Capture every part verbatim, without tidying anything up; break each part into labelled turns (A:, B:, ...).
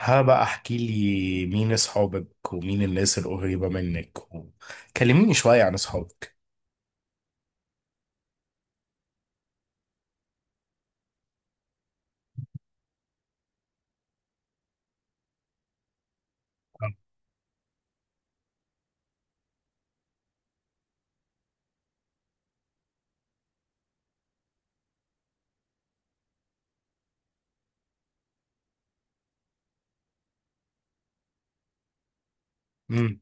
A: ها بقى احكي لي مين اصحابك ومين الناس القريبة منك و... كلميني شوية عن اصحابك. امم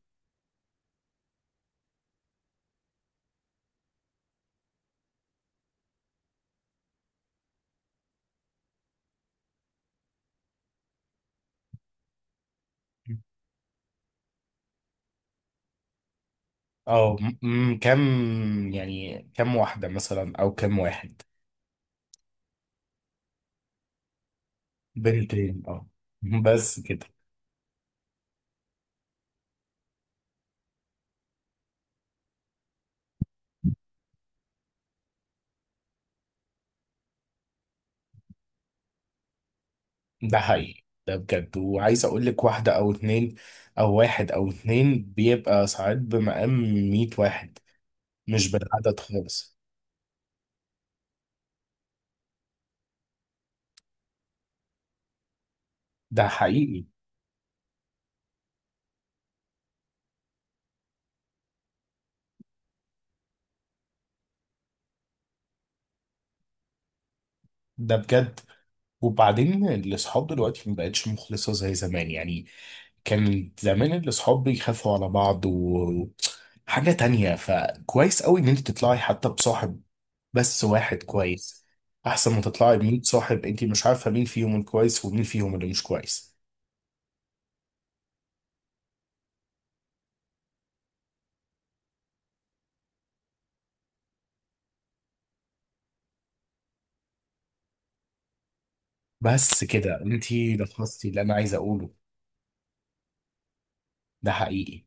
A: اه، امم كم؟ يعني كم واحدة مثلا او كم واحد؟ بنتين، اه. بس كده؟ ده حقيقي، ده بجد. وعايز اقول لك واحدة او اتنين، او واحد او اتنين بيبقى ساعات بمقام مية واحد. مش بالعدد خالص. ده حقيقي، ده بجد. وبعدين الاصحاب دلوقتي ما بقتش مخلصة زي زمان يعني. كان زمان الاصحاب بيخافوا على بعض وحاجة تانية، فكويس قوي ان انت تطلعي حتى بصاحب، بس واحد كويس. احسن ما تطلعي ب صاحب، انت مش عارفة مين فيهم الكويس ومين فيهم اللي مش كويس. بس كده انت لخصتي اللي انا عايز اقوله. ده حقيقي.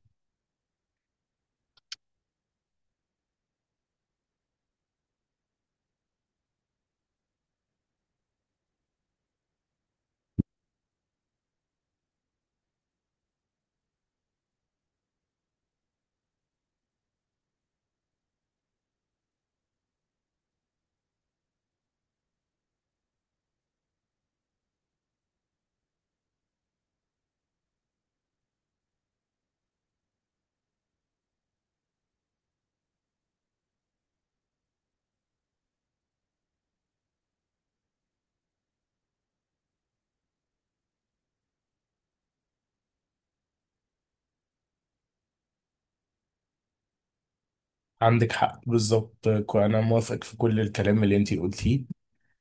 A: عندك حق بالظبط. كو- انا موافقك في كل الكلام اللي انت قلتيه،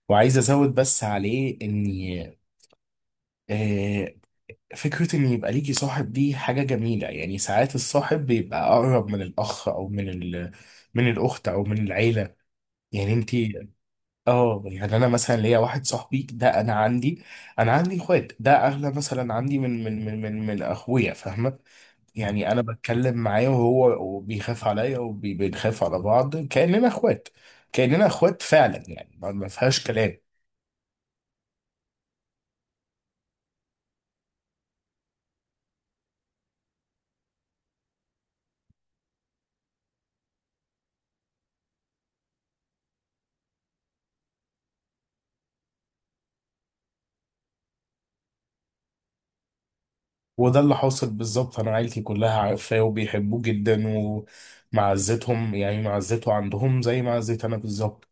A: وعايز ازود بس عليه اني آه، فكرة إن يبقى ليكي صاحب دي حاجة جميلة. يعني ساعات الصاحب بيبقى أقرب من الأخ أو من ال... من الأخت أو من العيلة، يعني أنتي. آه، يعني أنا مثلا ليا واحد صاحبي ده. أنا عندي، أنا عندي إخوات، ده أغلى مثلا عندي من من من من, من أخويا، فاهمة؟ يعني أنا بتكلم معاه وهو بيخاف عليا وبنخاف على بعض كأننا إخوات، كأننا إخوات فعلا. يعني ما ما فيهاش كلام. وده اللي حاصل بالظبط، انا عيلتي كلها عارفاه وبيحبوه جدا. ومعزتهم يعني معزته عندهم زي معزتي انا بالظبط.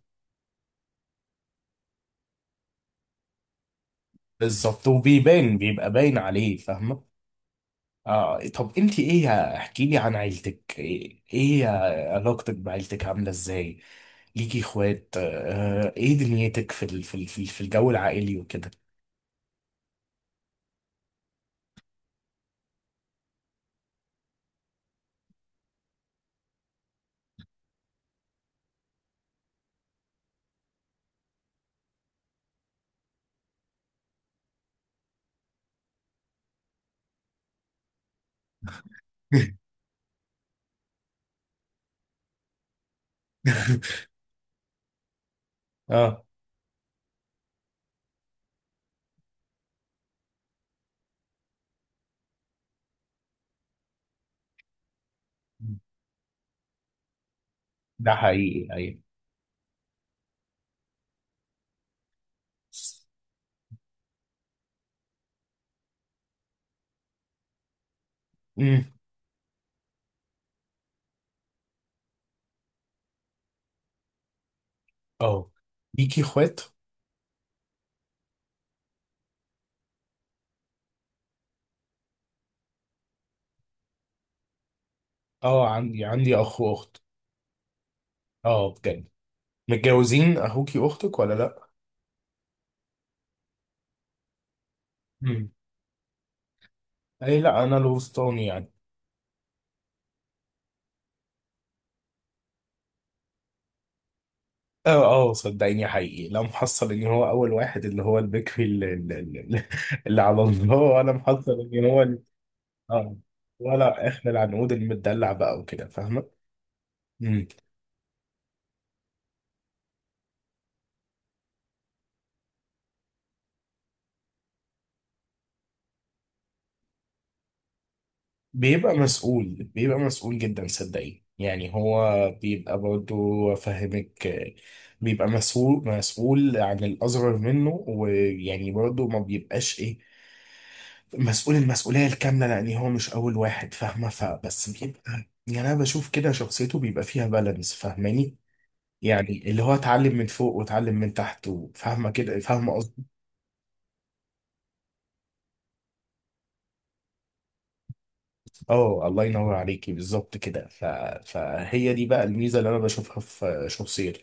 A: بالظبط. وبيبان، بيبقى باين عليه، فاهمه. آه، طب انت ايه؟ احكي لي عن عيلتك. ايه إيه علاقتك بعيلتك عامله ازاي؟ ليكي اخوات؟ آه، ايه دنيتك في ال- في ال- في في الجو العائلي وكده؟ اه، ده حقيقي، ايوه. امم اه، ليكي اخوات. اه، عندي عندي اخ واخت. اه، بجد. متجوزين اخوكي واختك ولا لا؟ مم. اي لا، انا الوسطاني يعني. اه اه صدقيني، حقيقي لا، محصل ان هو اول واحد، اللي هو البكري، اللي, اللي, اللي اللي على الله، ولا محصل ان هو ال- اه، ولا احنا العنقود المدلع بقى وكده، فاهمه. مم. بيبقى مسؤول، بيبقى مسؤول جدا صدقيني. يعني هو بيبقى برضه، فاهمك، آه، بيبقى مسؤول، مسؤول عن الأصغر منه، ويعني برضه ما بيبقاش إيه مسؤول المسؤولية الكاملة لأن هو مش أول واحد، فاهمة؟ فبس بيبقى، يعني أنا بشوف كده شخصيته بيبقى فيها بالانس، فاهماني؟ يعني اللي هو اتعلم من فوق واتعلم من تحت، وفاهمة كده، فاهمة قصدي. اه، الله ينور عليكي، بالظبط كده. ف... فهي دي بقى الميزة اللي أنا بشوفها في شخصيته.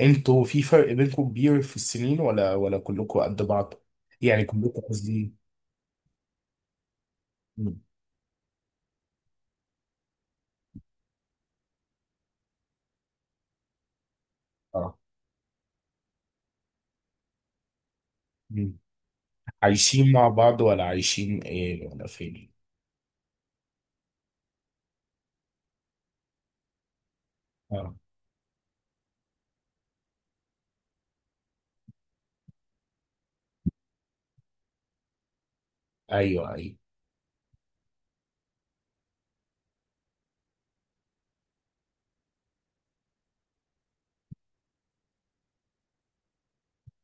A: انتوا في فرق بينكم كبير في السنين ولا ولا كلكم قد بعض؟ يعني كلكم قصدي. مم. اه. مم. عايشين مع بعض ولا عايشين ايه ولا فين؟ اه، ايوه، ايوه.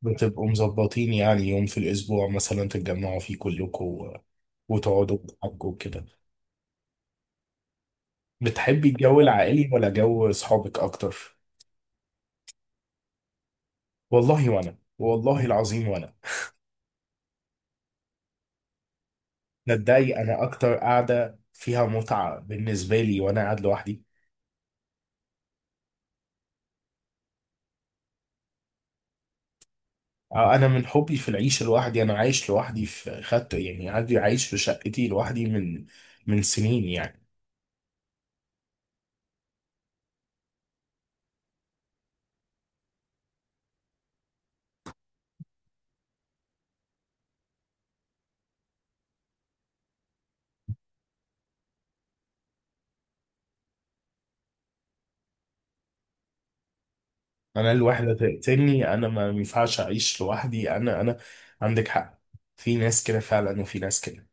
A: بتبقوا مظبطين يعني يوم في الأسبوع مثلا تتجمعوا فيه كلكم و- وتقعدوا وتحكوا كده؟ بتحبي الجو العائلي ولا جو أصحابك أكتر؟ والله وأنا، والله العظيم وأنا. تصدقي أنا أكتر قاعدة فيها متعة بالنسبة لي وأنا قاعد لوحدي. آه، أنا من حبي في العيش لوحدي أنا عايش لوحدي. في خدت يعني، عندي عايش في شقتي لوحدي من من سنين يعني. انا الوحده تقتلني، انا ما ما ينفعش اعيش لوحدي، انا انا. عندك حق. في ناس كده فعلا، وفي ناس كده.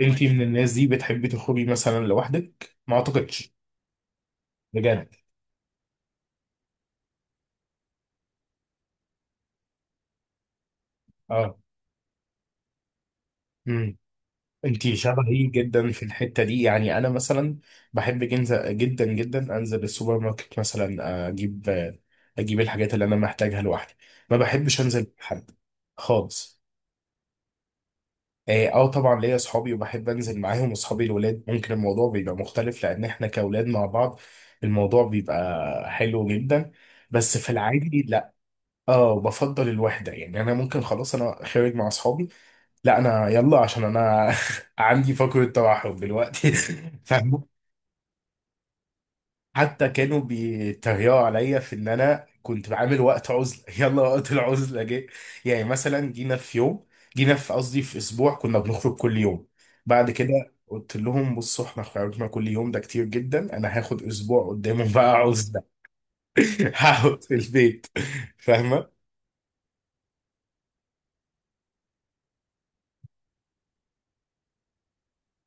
A: انتي من الناس دي بتحبي تخرجي مثلا لوحدك، ما اعتقدش. بجد. اه. امم. انتي شبهي جدا في الحته دي يعني. انا مثلا بحب جنز- جدا جدا انزل السوبر ماركت مثلا، اجيب اجيب الحاجات اللي انا محتاجها لوحدي. ما بحبش انزل مع حد خالص. اه، آه، طبعا ليا اصحابي وبحب انزل معاهم. واصحابي الولاد ممكن الموضوع بيبقى مختلف لان احنا كاولاد مع بعض الموضوع بيبقى حلو جدا. بس في العادي لا. اه، بفضل الوحده يعني. انا ممكن خلاص انا خارج مع اصحابي، لا انا يلا عشان انا عندي فقره توحد دلوقتي. فاهم؟ حتى كانوا بيتريقوا عليا في ان انا كنت بعمل وقت عزله. يلا وقت العزله جه. يعني مثلا جينا في يوم، جينا في قصدي في اسبوع، كنا بنخرج كل يوم. بعد كده قلت لهم بصوا احنا خرجنا كل يوم ده كتير جدا، انا هاخد اسبوع قدامهم بقى عزله. هقعد في البيت، فاهمه.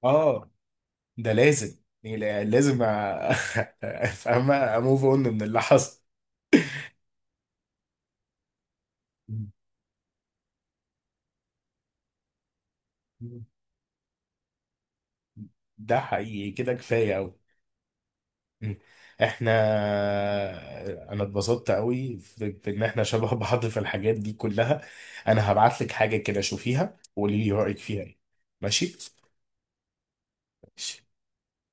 A: اه، ده لازم، يعني لازم أ- فاهمه، اموف اون من اللي حصل. ده حقيقي، كده كفايه قوي. مم. احنا، انا اتبسطت قوي في- بان احنا شبه بعض في الحاجات دي كلها. انا هبعت لك حاجة كده، شوفيها وقولي لي رأيك فيها ايه. ماشي. ماشي.